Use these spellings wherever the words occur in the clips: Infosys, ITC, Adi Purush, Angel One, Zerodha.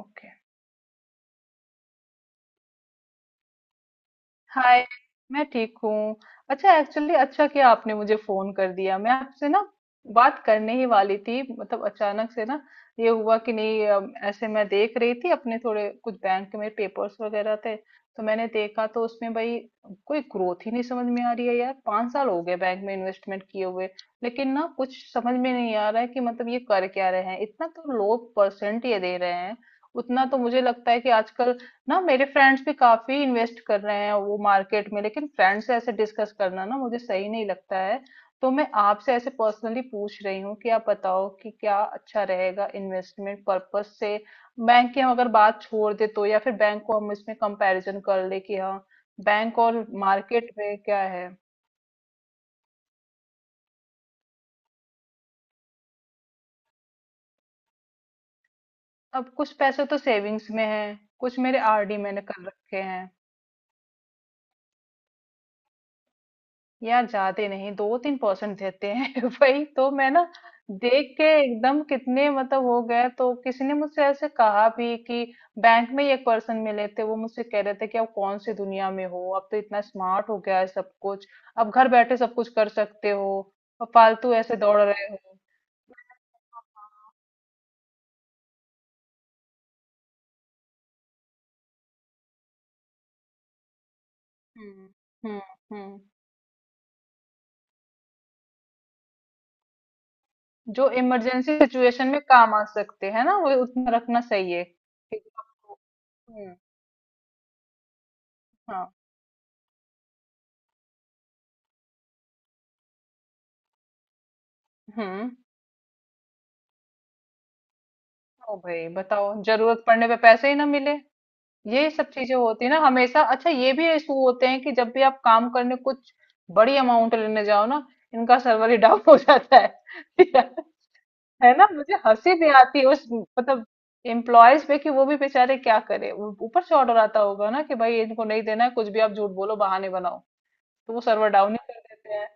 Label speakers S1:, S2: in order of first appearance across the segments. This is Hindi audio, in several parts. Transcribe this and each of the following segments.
S1: ओके। हाय। मैं ठीक हूँ। अच्छा एक्चुअली अच्छा किया आपने मुझे फोन कर दिया, मैं आपसे ना बात करने ही वाली थी, मतलब अचानक से ना ये हुआ कि नहीं। ऐसे मैं देख रही थी, अपने थोड़े कुछ बैंक में पेपर्स वगैरह थे तो मैंने देखा तो उसमें भाई कोई ग्रोथ ही नहीं समझ में आ रही है यार। 5 साल हो गए बैंक में इन्वेस्टमेंट किए हुए, लेकिन ना कुछ समझ में नहीं आ रहा है कि मतलब ये कर क्या रहे हैं। इतना तो लो परसेंट ये दे रहे हैं, उतना तो मुझे लगता है कि आजकल ना मेरे फ्रेंड्स भी काफी इन्वेस्ट कर रहे हैं वो मार्केट में। लेकिन फ्रेंड्स से ऐसे डिस्कस करना ना मुझे सही नहीं लगता है, तो मैं आपसे ऐसे पर्सनली पूछ रही हूँ कि आप बताओ कि क्या अच्छा रहेगा इन्वेस्टमेंट पर्पस से। बैंक की हम अगर बात छोड़ दे तो, या फिर बैंक को हम इसमें कंपैरिजन कर ले कि हाँ, बैंक और मार्केट में क्या है। अब कुछ पैसे तो सेविंग्स में है, कुछ मेरे आरडी मैंने कर रखे हैं। यार ज्यादा नहीं, 2-3% देते हैं वही तो मैं ना देख के एकदम कितने मतलब हो गए, तो किसी ने मुझसे ऐसे कहा भी कि बैंक में ही एक पर्सन मिले थे, वो मुझसे कह रहे थे कि आप कौन सी दुनिया में हो, अब तो इतना स्मार्ट हो गया है सब कुछ, अब घर बैठे सब कुछ कर सकते हो और फालतू ऐसे दौड़ रहे हो। हम्म। हम्म। हम्म, जो इमरजेंसी सिचुएशन में काम आ सकते हैं ना वो उतना रखना सही है कि आपको-। हम्म। हाँ। हम्म, ओ भाई बताओ, जरूरत पड़ने पे पैसे ही ना मिले। यही सब चीजें होती है ना हमेशा। अच्छा ये भी इशू होते हैं कि जब भी आप काम करने कुछ बड़ी अमाउंट लेने जाओ ना, इनका सर्वर ही डाउन हो जाता है। है ना, मुझे हंसी भी आती है उस मतलब एम्प्लॉयज पे कि वो भी बेचारे क्या करे, ऊपर से ऑर्डर आता होगा ना कि भाई इनको नहीं देना है कुछ भी, आप झूठ बोलो बहाने बनाओ, तो वो सर्वर डाउन ही कर देते हैं।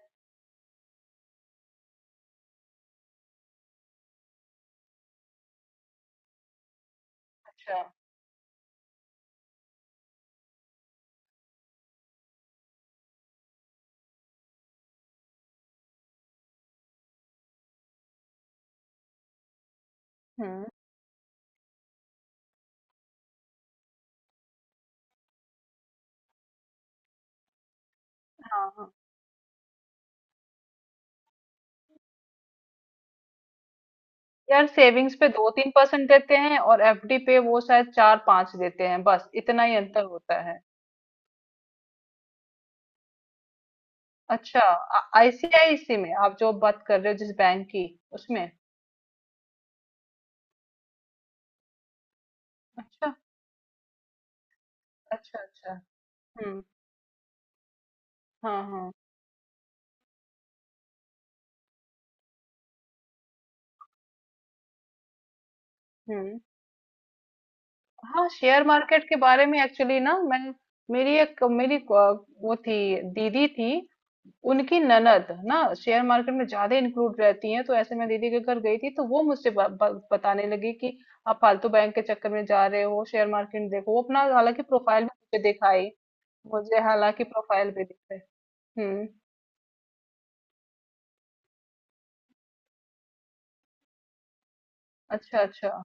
S1: अच्छा। हम्म। हाँ, हाँ। यार सेविंग्स पे 2-3% देते हैं और एफडी पे वो शायद चार पांच देते हैं, बस इतना ही अंतर होता है। अच्छा। आईसीआईसी में आप जो बात कर रहे हो, जिस बैंक की, उसमें? अच्छा। अच्छा। अच्छा। हम्म। हाँ, हाँ। हम्म। हाँ शेयर मार्केट के बारे में एक्चुअली ना मैं, मेरी एक मेरी वो थी, दीदी थी, उनकी ननद ना शेयर मार्केट में ज्यादा इंक्लूड रहती हैं, तो ऐसे में दीदी के घर गई थी तो वो मुझसे ब, ब, बताने लगी कि आप फालतू बैंक के चक्कर में जा रहे हो, शेयर मार्केट देखो, वो अपना हालांकि प्रोफाइल भी मुझे दिखाई। मुझे हालांकि प्रोफाइल भी दिखाई। हम्म। अच्छा, अच्छा।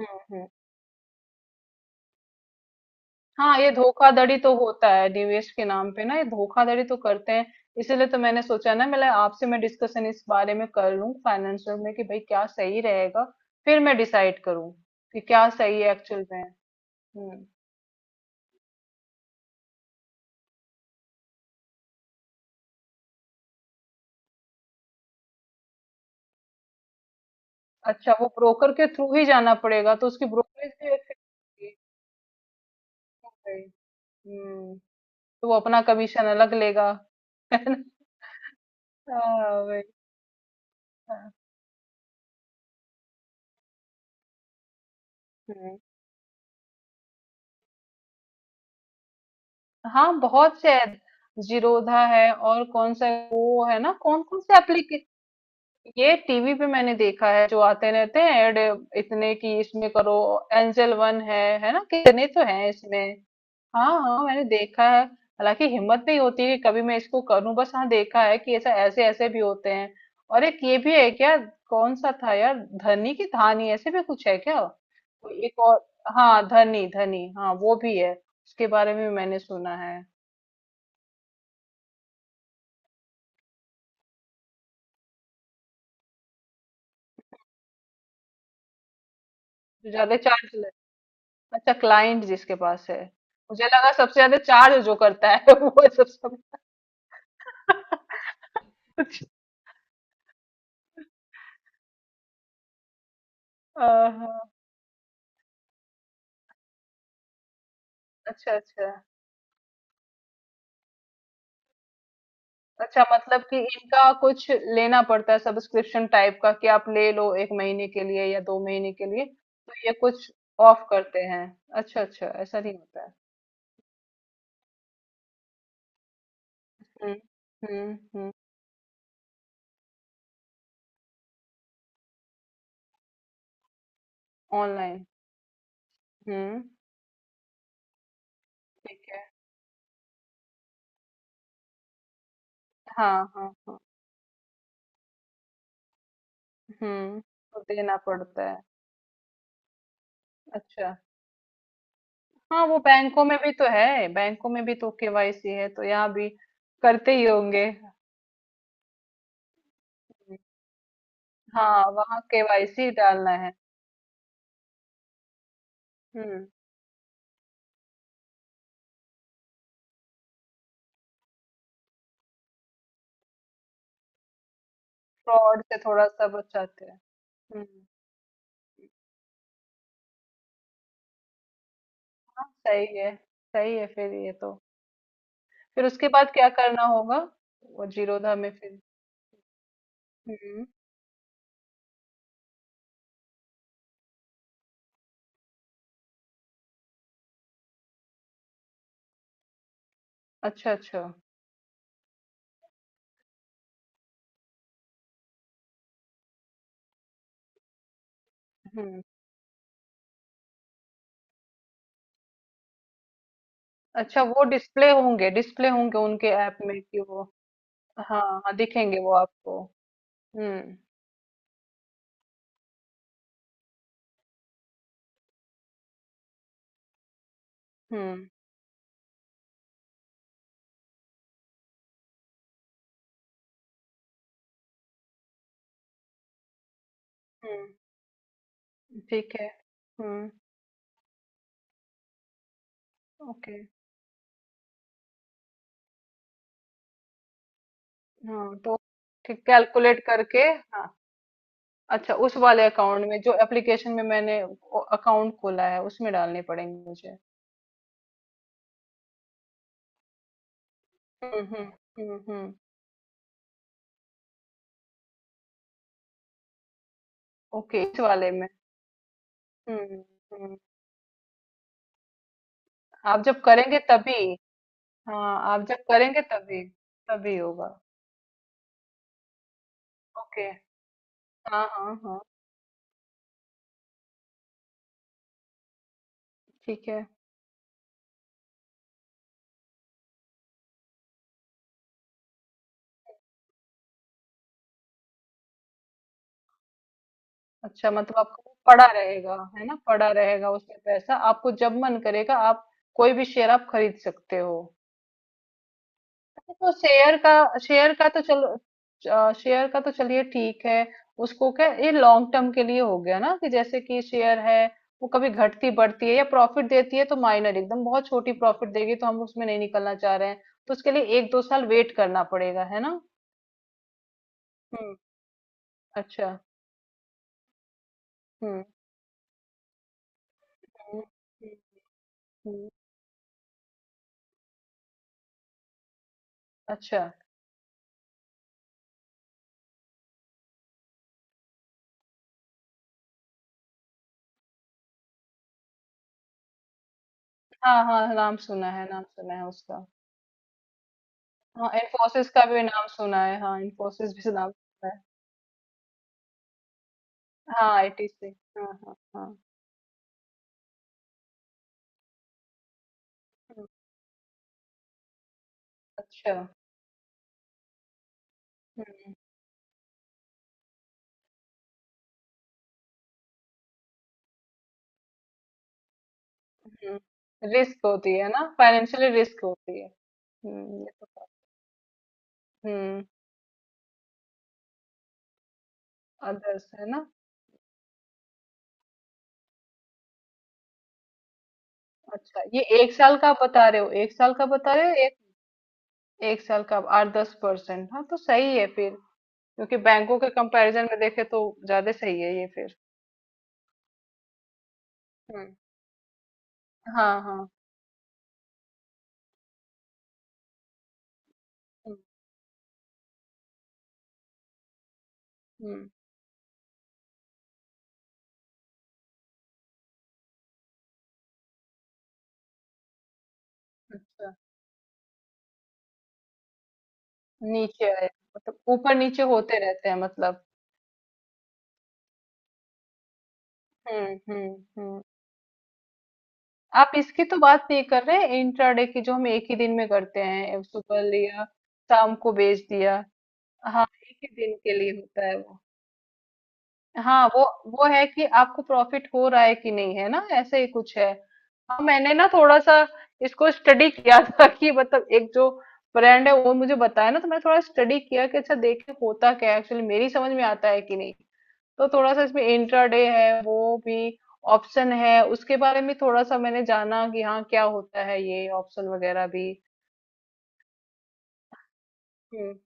S1: हम्म। हम्म। हाँ ये धोखाधड़ी तो होता है निवेश के नाम पे ना, ये धोखाधड़ी तो करते हैं। इसीलिए तो मैंने सोचा ना मैं आपसे मैं डिस्कशन इस बारे में कर लूं फाइनेंशियल में कि भाई क्या सही रहेगा, फिर मैं डिसाइड करूँ कि क्या सही है एक्चुअल में। हम्म। अच्छा, वो ब्रोकर के थ्रू ही जाना पड़ेगा, तो उसकी ब्रोकरेज भी अच्छी होगी। भाई। हम्म। तो वो अपना कमीशन अलग लेगा है ना? हाँ वही। हाँ। हम्म। हाँ, बहुत से ऐड-। जीरोधा है और कौन सा वो है ना, कौन कौन से एप्लीकेशन ये टीवी पे मैंने देखा है जो आते रहते हैं ऐड, इतने की इसमें करो। एंजल वन है ना, कितने तो हैं इसमें। हाँ हाँ मैंने देखा है, हालांकि हिम्मत नहीं होती कि कभी मैं इसको करूं, बस हाँ देखा है कि ऐसा ऐसे ऐसे भी होते हैं। और एक ये भी है क्या, कौन सा था यार, धनी की धानी ऐसे भी कुछ है क्या, कोई एक और। हाँ धनी धनी, हाँ वो भी है, उसके बारे में भी मैंने सुना है। जो ज्यादा चार्ज। अच्छा, क्लाइंट जिसके पास है। मुझे लगा सबसे ज्यादा चार्ज जो करता है वो सबसे सब सब- कुछ। आहा। अच्छा, अच्छा। अच्छा मतलब कि इनका कुछ लेना पड़ता है सब्सक्रिप्शन टाइप का कि आप ले लो एक महीने के लिए या दो महीने के लिए, तो ये कुछ ऑफ करते हैं। अच्छा, अच्छा ऐसा नहीं होता है। हम्म। हम्म। हम्म। ऑनलाइन। हम्म। ठीक है। हाँ, हाँ, हाँ। हम्म, तो देना पड़ता है। अच्छा। हाँ वो बैंकों में भी तो है, बैंकों में भी तो केवाईसी है तो यहाँ भी करते ही होंगे। हम्म। हाँ वहाँ केवाईसी डालना है। हम्म। फ्रॉड से थोड़ा सा बचाते हैं। हम्म। सही है, सही है फिर ये तो। फिर उसके बाद क्या करना होगा? वो जीरोधा में फिर। हम्म। अच्छा, अच्छा। हम्म। अच्छा वो डिस्प्ले होंगे, डिस्प्ले होंगे उनके ऐप में कि वो। हाँ हाँ दिखेंगे वो आपको। हम्म। हम्म। हम्म। ठीक है। हम्म। ओके। हाँ तो ठीक, कैलकुलेट करके। हाँ, अच्छा उस वाले अकाउंट में, जो एप्लीकेशन में मैंने अकाउंट खोला है, उसमें डालने पड़ेंगे मुझे। हम्म। हम्म। हम्म। हम्म। ओके, इस वाले में। हम्म। हम्म। आप जब करेंगे तभी। हाँ, आप जब करेंगे तभी। तभी होगा। ओके। हाँ, हाँ, हाँ। ठीक है। अच्छा मतलब आपको वो पड़ा रहेगा, है ना, पड़ा रहेगा उसमें पैसा, आपको जब मन करेगा आप कोई भी शेयर आप खरीद सकते हो। तो शेयर का, शेयर का तो चलो, शेयर का तो चलिए ठीक है। उसको क्या ये लॉन्ग टर्म के लिए हो गया ना, कि जैसे कि शेयर है, वो कभी घटती बढ़ती है या प्रॉफिट देती है, तो माइनर एकदम बहुत छोटी प्रॉफिट देगी, तो हम उसमें नहीं निकलना चाह रहे हैं, तो उसके लिए 1-2 साल वेट करना पड़ेगा है ना? हम्म। अच्छा। हम्म। हम्म। हम्म। हम्म। अच्छा। हाँ हाँ नाम सुना है, नाम सुना है उसका। हाँ इन्फोसिस का भी नाम सुना है, हाँ इन्फोसिस भी नाम सुना है। हाँ आईटीसी, हाँ हाँ हाँ। हम्म। अच्छा। हम्म, रिस्क होती है ना, फाइनेंशियली रिस्क होती है, ये तो। हम्म। अदर्स है ना। अच्छा ये एक साल का आप बता रहे हो, एक साल का बता रहे हो। एक, एक साल का 8-10%, हाँ तो सही है फिर, क्योंकि बैंकों के कंपैरिजन में देखे तो ज्यादा सही है ये फिर। हम्म। हाँ, हाँ। हम्म। हम्म। अच्छा, नीचे आए, मतलब ऊपर नीचे होते रहते हैं मतलब। हम्म। हम्म। हम्म। आप इसकी तो बात नहीं कर रहे, इंट्राडे की, जो हम एक ही दिन में करते हैं, सुबह लिया शाम को बेच दिया। हाँ एक ही दिन के लिए होता है वो। हाँ वो है कि आपको प्रॉफिट हो रहा है कि नहीं, है ना, ऐसे ही कुछ है। हाँ मैंने ना थोड़ा सा इसको स्टडी किया था, कि मतलब एक जो ब्रांड है वो मुझे बताया ना, तो मैं थोड़ा स्टडी किया कि अच्छा देखे होता क्या है एक्चुअली, मेरी समझ में आता है कि नहीं, तो थोड़ा सा इसमें इंट्राडे है, वो भी ऑप्शन है, उसके बारे में थोड़ा सा मैंने जाना कि हाँ क्या होता है ये ऑप्शन वगैरह भी। हम्म।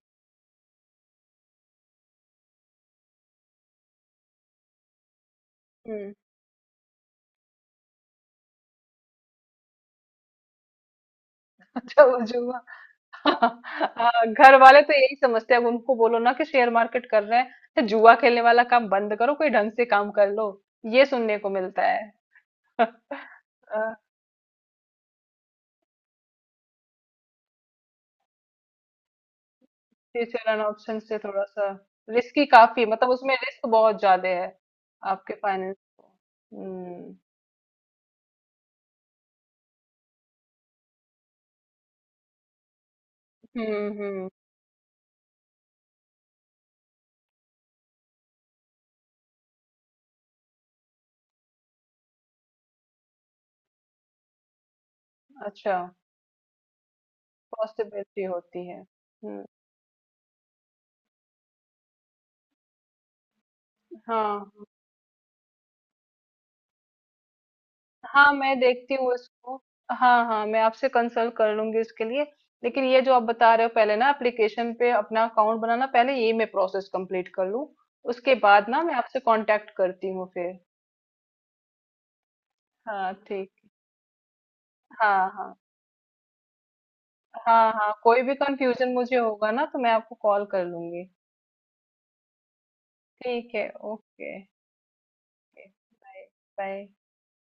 S1: हम्म। अच्छा वो जो हाँ, घर वाले तो यही समझते हैं, अब उनको बोलो ना कि शेयर मार्केट कर रहे हैं, तो जुआ खेलने वाला काम बंद करो, कोई ढंग से काम कर लो, ये सुनने को मिलता है। फ्यूचर एंड ऑप्शन से थोड़ा सा रिस्की काफी, मतलब उसमें रिस्क बहुत ज्यादा है आपके फाइनेंस को। हम्म। हम्म। हम्म। अच्छा पॉसिबिलिटी होती है। हम्म। हाँ हाँ मैं देखती हूँ इसको, हाँ हाँ मैं आपसे कंसल्ट कर लूंगी इसके लिए। लेकिन ये जो आप बता रहे हो, पहले ना एप्लीकेशन पे अपना अकाउंट बनाना, पहले ये मैं प्रोसेस कंप्लीट कर लूँ, उसके बाद ना मैं आपसे कांटेक्ट करती हूँ फिर। हाँ ठीक। हाँ, हाँ, हाँ। हाँ कोई भी कंफ्यूजन मुझे होगा ना तो मैं आपको कॉल कर लूंगी। ठीक है। ओके। बाय। बाय।